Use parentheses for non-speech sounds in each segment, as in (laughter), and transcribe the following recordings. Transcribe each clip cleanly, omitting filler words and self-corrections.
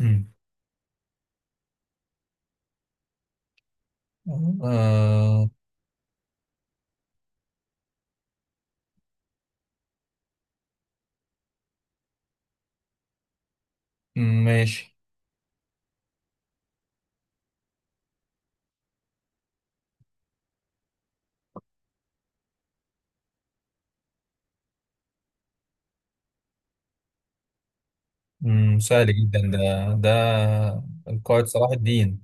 مم. آه. ماشي. مم. سهل جدا ده القائد صلاح الدين.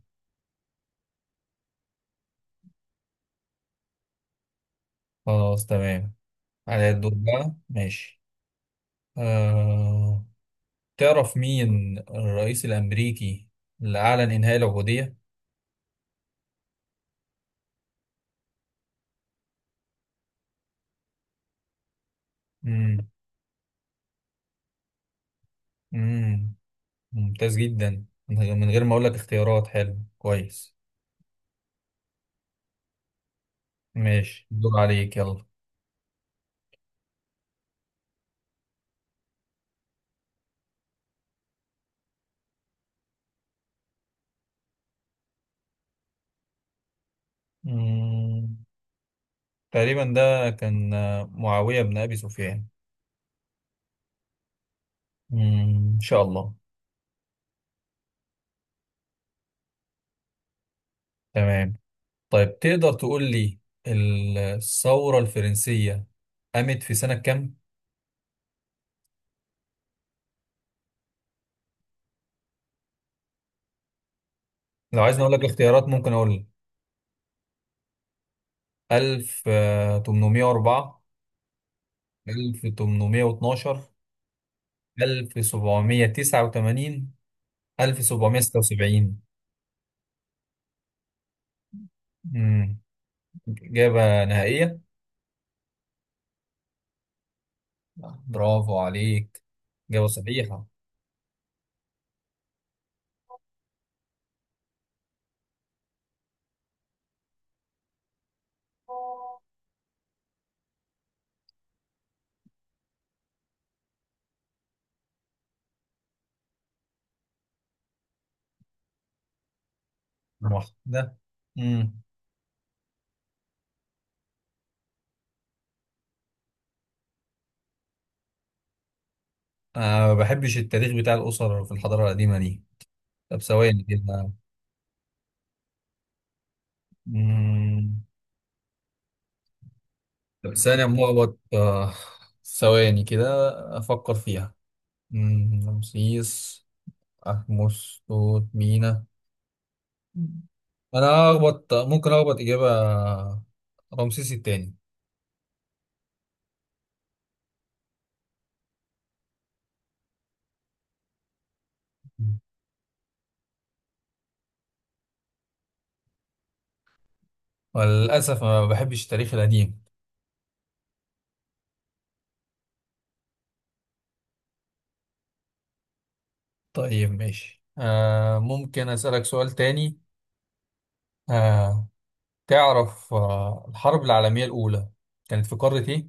خلاص تمام. على الدور بقى ماشي. آه، تعرف مين الرئيس الأمريكي اللي أعلن إنهاء العبودية؟ مم. مم. ممتاز جدا، من غير ما أقول لك اختيارات. حلو كويس، ماشي، الدور عليك يلا. مم. تقريبا ده كان معاوية بن أبي سفيان. مم. إن شاء الله. تمام. طيب، تقدر تقول لي الثورة الفرنسية قامت في سنة كام؟ لو عايزني أقول لك الاختيارات، ممكن أقول لك. 1804، 1812، 1789، 1776. امم إجابة نهائية؟ برافو عليك، إجابة صحيحة. واحدة. امم أنا ما بحبش التاريخ بتاع الأسر في الحضارة القديمة دي. طب ثواني كده. مم. طب ثانية ملخبط. ثواني كده، أفكر فيها. رمسيس، أحمس، توت، مينا. مم. أنا أخبط، ممكن أخبط إجابة. رمسيس التاني. مم. وللأسف ما بحبش التاريخ القديم. طيب ماشي، ممكن أسألك سؤال تاني؟ آه. تعرف الحرب العالمية الأولى كانت في قارة إيه؟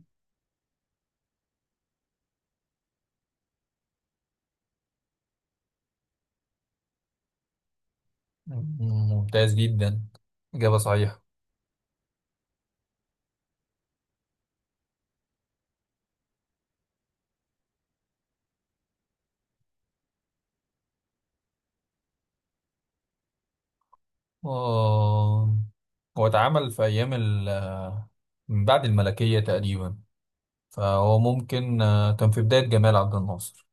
مم، ممتاز جدا، إجابة صحيحة. آه هو اتعمل في أيام من بعد الملكية تقريبا، فهو ممكن كان في بداية جمال عبد الناصر.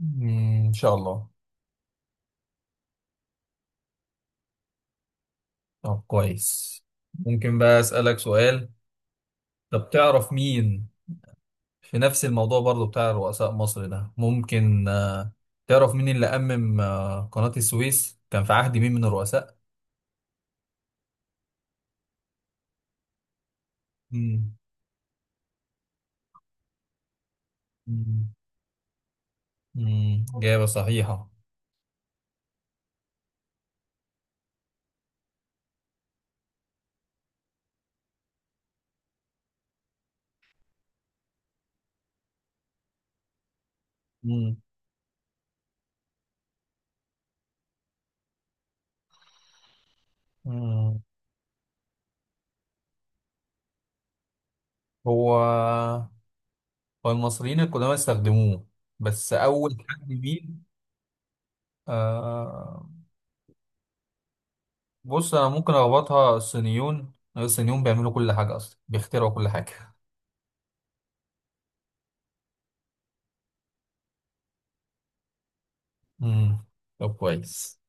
مم، إن شاء الله. طب كويس، ممكن بقى أسألك سؤال. طب تعرف مين، في نفس الموضوع برضو بتاع رؤساء مصر ده، ممكن، تعرف مين اللي أمم آه، قناة السويس كان في عهد مين من الرؤساء؟ مم. مم. مم، إجابة صحيحة. مم. مم. هو والمصريين القدامى استخدموه، بس أول حد مين؟ آه، بص أنا ممكن أربطها. الصينيون، الصينيون بيعملوا كل حاجة أصلا، بيخترعوا كل حاجة. مم. طب كويس.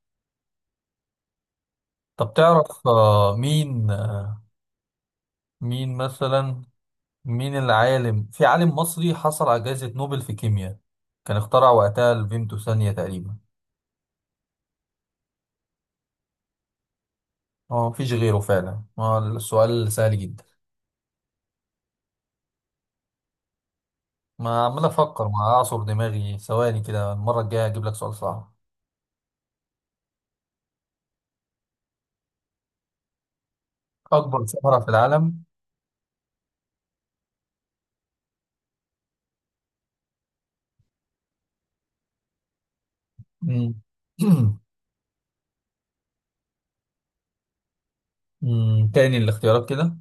طب تعرف مين مثلا، مين العالم، في عالم مصري حصل على جائزة نوبل في كيمياء، كان اخترع وقتها الفيمتو ثانية تقريبا؟ اه، مفيش غيره فعلا. السؤال سهل جدا. ما عمال أفكر، ما أعصر دماغي. ثواني كده، المرة الجاية هجيب لك سؤال صعب. أكبر صحراء في العالم. مم. (clears throat) مم. تاني الاختيارات كده.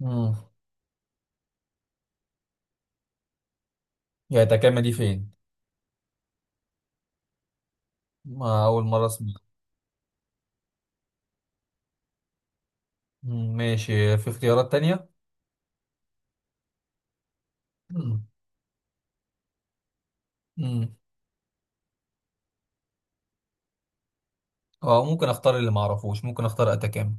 مم. يا تكامة دي فين؟ ما أول مرة أسمع. مم. ماشي، في اختيارات تانية. مم. مم. أه، ممكن أختار اللي معرفوش، ممكن أختار أتكامة.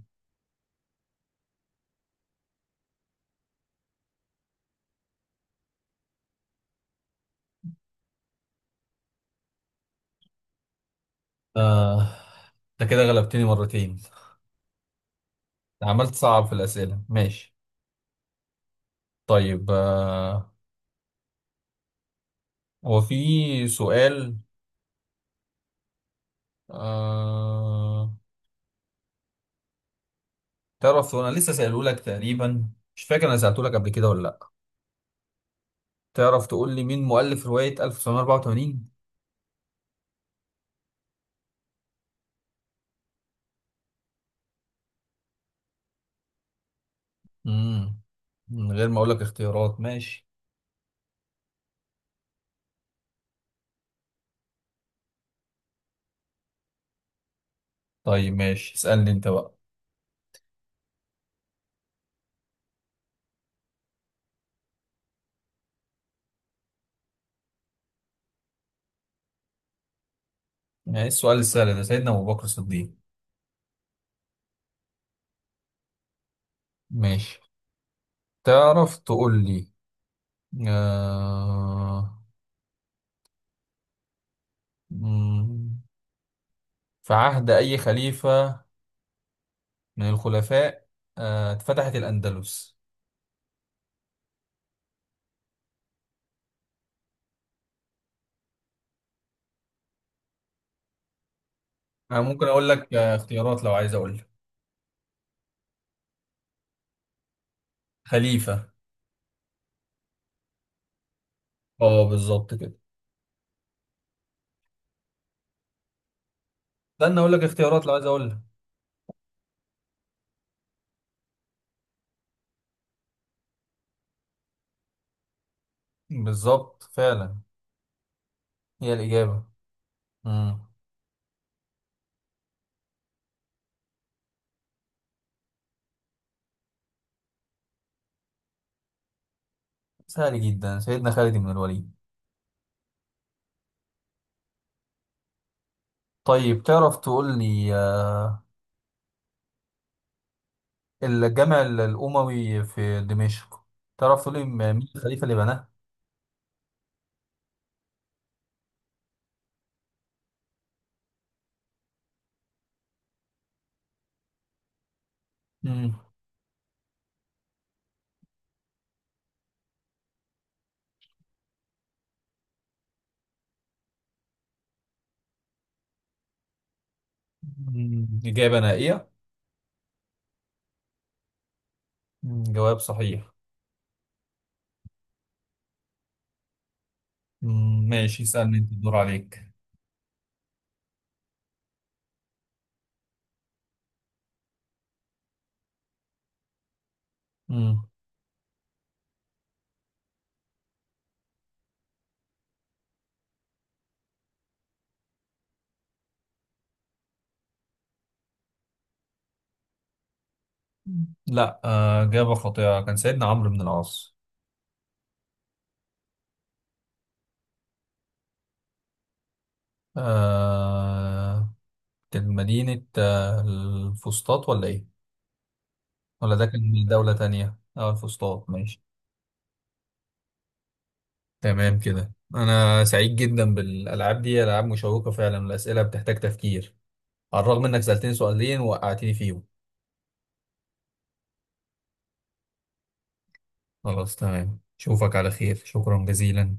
آه. أنت كده غلبتني مرتين، عملت صعب في الأسئلة ماشي. طيب هو في سؤال. آه تعرف، أنا لسه سأله لك تقريبا، مش فاكر أنا سألته لك قبل كده ولا لأ. تعرف تقول لي مين مؤلف رواية 1984؟ امم من غير ما اقول لك اختيارات، ماشي. طيب ماشي، اسألني انت بقى. يعني السؤال السهل ده، سيدنا ابو بكر الصديق. ماشي. تعرف تقول لي آه... مم، في عهد اي خليفة من الخلفاء، اتفتحت الاندلس؟ انا ممكن اقول لك اختيارات لو عايز اقول لك. خليفة. اه، بالظبط كده. استنى اقول لك اختيارات لو عايز اقول لك. بالظبط فعلا، هي الاجابة. مم. سهل جدا، سيدنا خالد بن الوليد. طيب تعرف تقول لي، الجامع الأموي في دمشق، تعرف تقول لي مين الخليفة اللي بناه؟ مم. مم. إجابة نهائية؟ مم. جواب صحيح. مم. ماشي، اسألني أنت الدور عليك. مم. مم. لا، إجابة خاطئة، كان سيدنا عمرو بن العاص. آه، كانت مدينة الفسطاط ولا إيه؟ ولا ده كان دولة تانية؟ أه، الفسطاط، ماشي. تمام كده، انا سعيد جدا بالالعاب دي، العاب مشوقه فعلا، الاسئله بتحتاج تفكير. على الرغم انك سالتني سؤالين وقعتني فيهم. خلاص تمام، اشوفك على خير، شكرا جزيلا.